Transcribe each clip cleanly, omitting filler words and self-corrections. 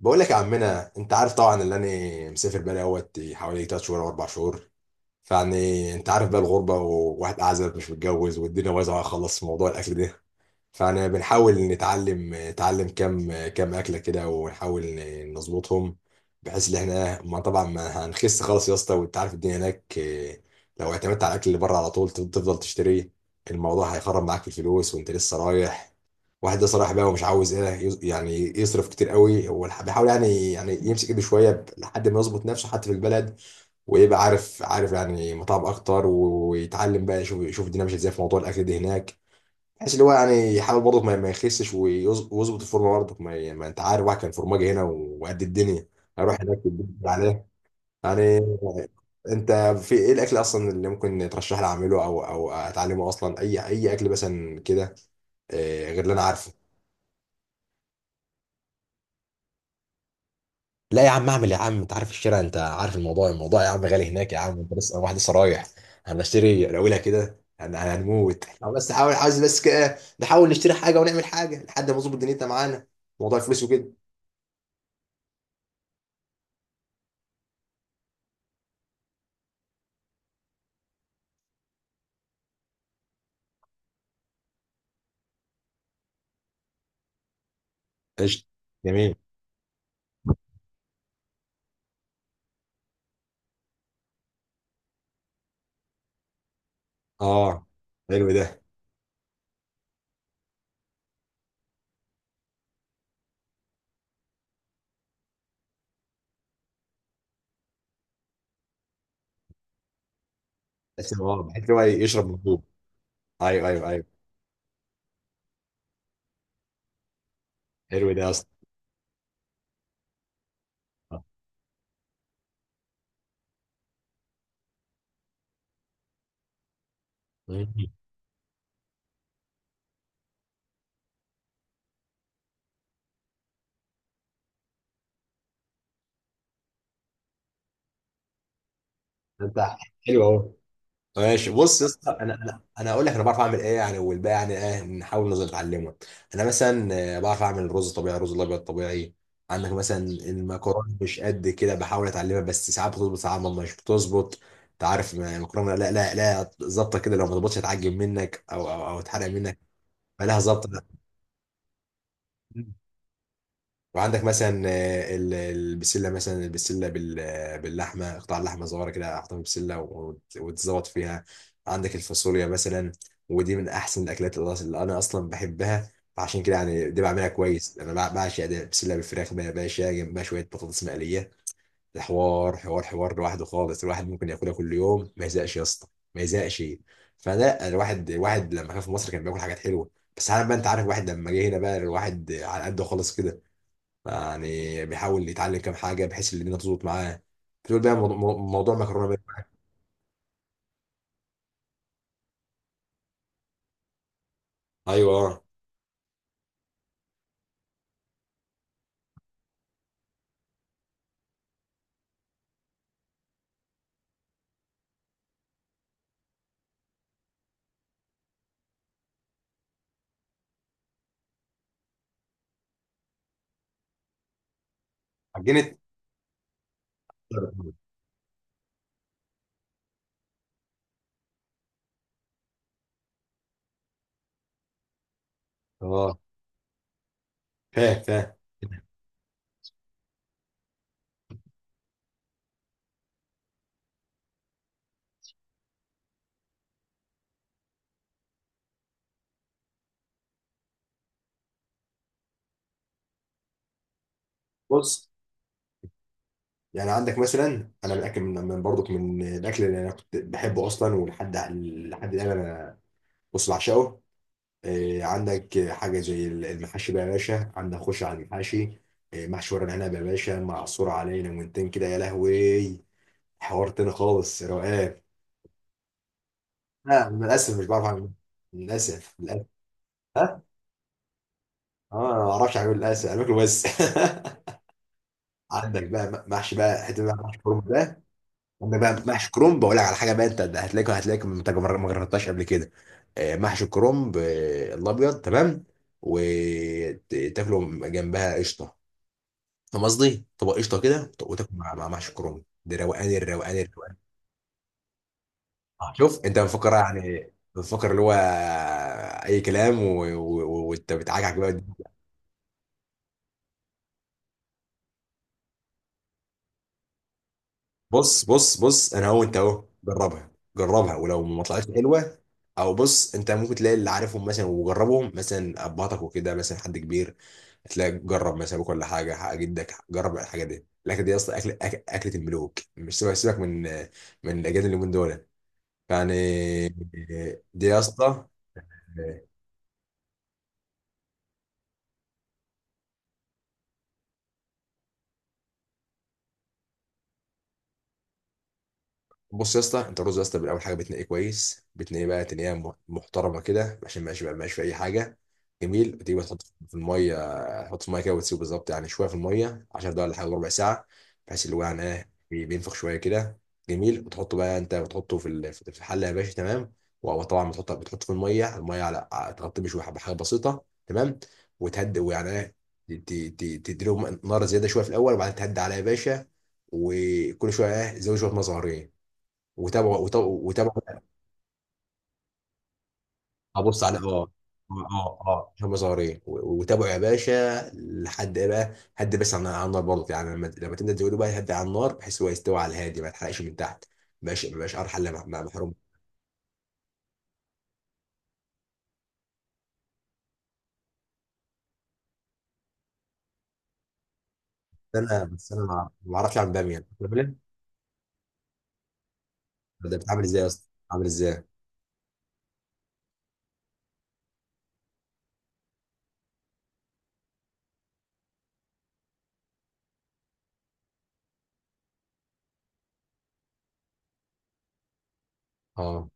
بقول لك يا عمنا، انت عارف طبعا اللي انا مسافر بقالي اهوت حوالي 3 شهور او 4 شهور. فيعني انت عارف بقى الغربه، وواحد اعزب مش متجوز، والدنيا بايظه خالص في موضوع الاكل ده. فانا بنحاول نتعلم كام اكله كده، ونحاول نظبطهم، بحيث ان احنا ما طبعا ما هنخس خالص يا اسطى، وانت عارف الدنيا هناك. اه، لو اعتمدت على الاكل اللي بره على طول تفضل تشتري، الموضوع هيخرب معاك في الفلوس وانت لسه رايح. واحد ده صراحة بقى ومش عاوز ايه يعني يصرف كتير قوي. هو بيحاول يعني يمسك ايده شوية لحد ما يظبط نفسه حتى في البلد، ويبقى عارف يعني مطاعم اكتر، ويتعلم بقى يشوف الدنيا ماشية ازاي في موضوع الاكل ده هناك، بحيث اللي هو يعني يحاول برضه ما يخسش، ويظبط الفورمة برضه ما انت عارف، واحد كان فورماجي هنا وقد الدنيا، اروح هناك والدنيا عليه يعني. انت في ايه الاكل اصلا اللي ممكن ترشح لي اعمله او اتعلمه اصلا، اي اكل مثلا كده، غير اللي انا عارفه. لا يا عم اعمل يا عم، انت عارف الشارع، انت عارف الموضوع يا عم غالي هناك يا عم، انت لسه، أنا واحد لسه رايح. هنشتري الاولى كده، هنموت احنا بس، حاول عايز بس كده نحاول نشتري حاجه ونعمل حاجه لحد ما نظبط دنيتنا معانا، موضوع الفلوس وكده. قشطه. جميل. اه. حلو ده. بس اه، بحيث إن هو يشرب مظبوط. ايوه ايوه ايوه. حلو ده يا اسطى. آه. مم. انت. حلو اهو. ماشي. بص يا اسطى، انا هقول لك، انا بعرف اعمل ايه يعني، والباقي يعني ايه نحاول نظل نتعلمه. انا مثلا، بعرف اعمل رز طبيعي، رز الابيض طبيعي. عندك مثلا المكرونه مش قد كده، بحاول اتعلمها، بس ساعات بتظبط ساعات مش بتظبط. انت عارف المكرونه، لا لا لا، ظابطه كده، لو ما ظبطتش هتعجب منك او تحرق منك، فلها ظبطه. وعندك مثلا البسله، مثلا البسله باللحمه، قطع اللحمه صغيره كده احطها في بسله، وتزوط فيها. عندك الفاصوليا مثلا، ودي من احسن الاكلات اللي اللي انا اصلا بحبها، فعشان كده يعني دي بعملها كويس. انا بعشق ده، بسله بالفراخ بقى يا باشا جنبها شويه بطاطس مقليه. الحوار حوار لوحده خالص، الواحد ممكن ياكلها كل يوم ما يزهقش يا اسطى، ما يزهقش. فلا الواحد لما كان في مصر كان بياكل حاجات حلوه، بس عارف بقى، انت عارف واحد لما جه هنا بقى، الواحد على قده خالص كده، يعني بيحاول يتعلم كام حاجه بحيث ان الدنيا تظبط معاه. بتقول بقى موضوع مكرونه بقى. ايوه آه. عجينه. اه. فاهم فاهم. بص يعني، عندك مثلا، انا متاكد من برضك من الاكل اللي انا كنت بحبه اصلا، ولحد الان انا، بص بعشقه. إيه، عندك حاجه زي المحاشي بقى يا باشا، عندك خش على المحاشي، إيه، محشي ورق العنب يا باشا، معصور عليه ليمونتين كده يا لهوي، حوار تاني خالص، روقان. لا للاسف مش بعرف اعمل، للاسف، للاسف. اه، انا ما اعرفش اعمل الاسئله، انا باكله بس. عندك بقى محشي بقى، حته بقى محشي كرنب ده، عندك بقى محشي كرنب، بقول لك على حاجه بقى، انت هتلاقيك ما جربتهاش قبل كده، محشي كرنب، الابيض تمام، وتاكله جنبها قشطه. فاهم قصدي؟ طبق قشطه كده وتاكل مع محشي كرنب ده، روقان، الروقان، الروقان. شوف، انت بتفكر يعني بتفكر اللي هو، اي كلام وانت بتعجعج بقى. بص بص بص، انا هو انت اهو، جربها، جربها ولو ما طلعتش حلوه، او بص، انت ممكن تلاقي اللي عارفهم مثلا وجربهم، مثلا ابهاتك وكده، مثلا حد كبير، هتلاقي، جرب مثلا ابوك ولا حاجه، حق جدك، جرب الحاجه دي، الاكله دي اصلا اكل اكله الملوك، مش سيبك، سيبك من الاجيال اليومين دول يعني، دي يا اسطى. بص يا اسطى، انت الرز يا اسطى، بالاول حاجه بتنقيه كويس، بتنقيه بقى تنقيه محترمه كده عشان ما يبقاش في اي حاجه، جميل، بتيجي تحط في الميه، تحط في الميه كده وتسيبه بالظبط، يعني شويه في الميه 10 دقايق ولا حاجه ربع ساعه، بحيث اللي هو يعني ايه بينفخ شويه كده، جميل، وتحطه بقى، انت بتحطه في في الحله يا باشا، تمام، وطبعا بتحطه في الميه على تغطيه بشويه، بحاجه بسيطه، تمام، وتهدي ويعني ايه، ت- ت- ت- تديله نار زياده شويه في الاول، وبعدين تهدي عليها يا باشا، وكل شويه ايه زود شويه ميه صغيرين، وتابعوا وتابعوا وتابعوا. ابص على اه، اه هم صغيرين وتابعوا يا باشا لحد ايه بقى، هدي بس عن على النار برضه يعني، لما تنزل تقولوا بقى هدي على النار، بحيث هو يستوي على الهادي ما يتحرقش من تحت، ما بقاش قرحه الا مع محروم. انا بس انا ما اعرفش اعمل باميه، أنت بتعملها؟ ده بتعمل ازاي يا اسطى؟ عامل ازاي؟ اه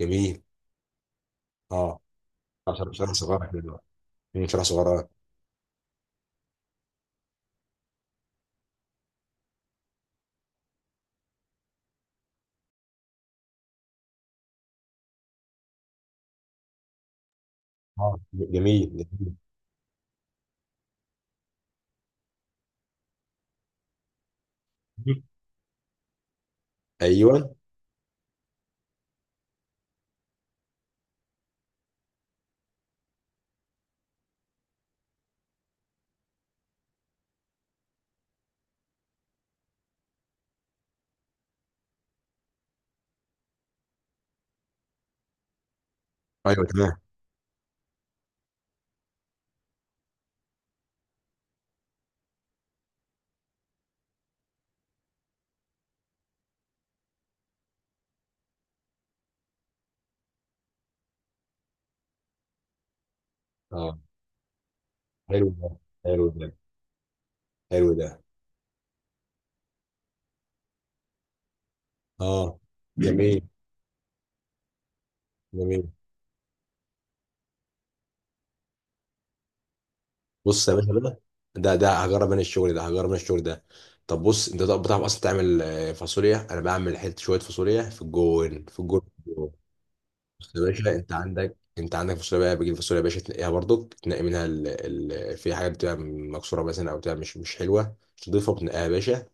جميل. اه شرح صغير كده بقى. مم، شرح صغير. اه جميل، جميل. ايوه ايوه. تمام. اه حلو ده، حلو ده، حلو ده. اه جميل. جميل. بص يا باشا بقى، ده هجرب انا الشغل ده، هجرب انا الشغل ده. طب بص انت، طب بتعرف اصلا تعمل فاصوليا، انا بعمل حته شويه فاصوليا في الجون، في الجون، في الجون. بص يا باشا، انت عندك فاصوليا بقى، بتجيب فاصوليا يا باشا، تنقيها برضك، تنقي منها ال... في حاجه بتبقى مكسوره مثلا، او بتبقى مش حلوه، تضيفها وتنقيها يا باشا.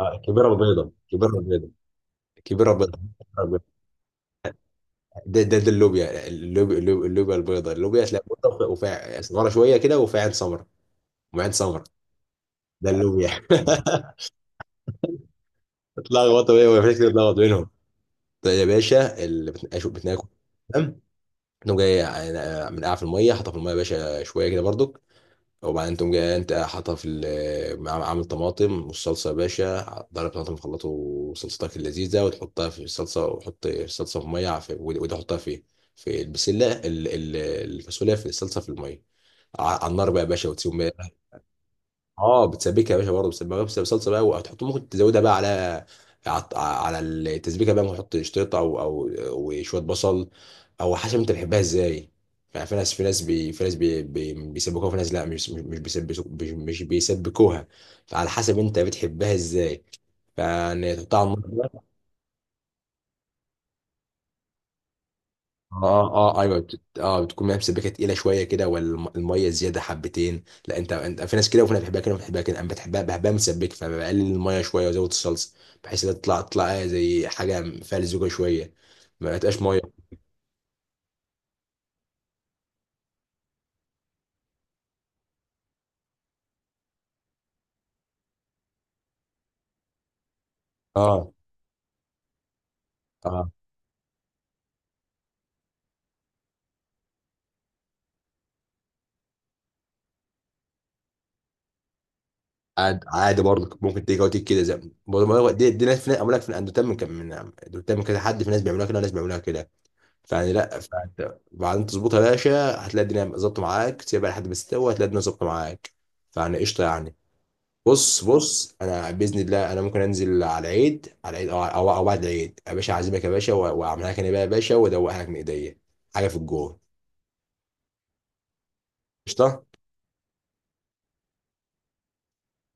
اه، كبيره وبيضه، كبيره وبيضه، كبيره وبيضه. ده اللوبيا، اللوبيا, اللوبيا البيضاء، اللوبيا تلاقي بيضاء وفيها صغيره شويه كده، وفيها عين سمراء، وعين سمراء، ده اللوبيا. اتلخبط بيه وما فيش كده، اتلخبط بينهم. طيب يا باشا، اللي بتناكل بتناكل، تمام، تقوم جاي من قاع في الميه، حاطه في الميه يا باشا شويه كده برضو، وبعدين تقوم جاي انت حاطها في عامل طماطم والصلصه يا باشا، ضرب طماطم خلطه وصلصتك اللذيذه، وتحطها في الصلصه، وحط الصلصه في ميه، في وده حطها في، في البسله الفاصوليا، في الصلصه في الميه، على النار بقى يا باشا، وتسيبهم. اه بتسبكها يا باشا برضه، بتسبكها بس بصلصه بقى، وهتحط، ممكن تزودها بقى على على التسبيكه بقى، ممكن تحط شطيطه او وشويه بصل، او حسب انت بتحبها ازاي. يعني في ناس في ناس بي في ناس بي بي بيسبكوها، وفي ناس لا مش بيسبكوها، فعلى حسب انت بتحبها ازاي، فيعني تحطها على النار. اه اه اه ايوه، بتكون ميه مسبكه تقيله شويه كده، والميه زياده حبتين لا، انت في ناس كده، وفي ناس بتحبها كده، وفي ناس بتحبها كده، انا بحبها مسبكه، فبقلل الميه شويه وازود الصلصه، بحيث انها تطلع زي حاجه فيها لزوجه شويه، ما تبقاش ميه. اه. اه عادي برضه، ممكن تيجي كده زي برضه ما هو، دي ناس، في ناس اقول لك في اندوتام من كم من اندوتام من كذا حد، في ناس بيعملوها كده، وناس بيعملوها كده، فيعني لا، فانت بعدين تظبطها يا باشا، هتلاقي الدنيا ظبطت معاك، تسيبها لحد ما تستوي، هتلاقي الدنيا ظبطت معاك، فيعني قشطه يعني. بص بص، انا باذن الله انا ممكن انزل على العيد، او او أو بعد العيد يا باشا، اعزمك يا باشا واعملها لك انا بقى يا باشا، وادوقها لك من ايديا، حاجه في الجون. قشطه.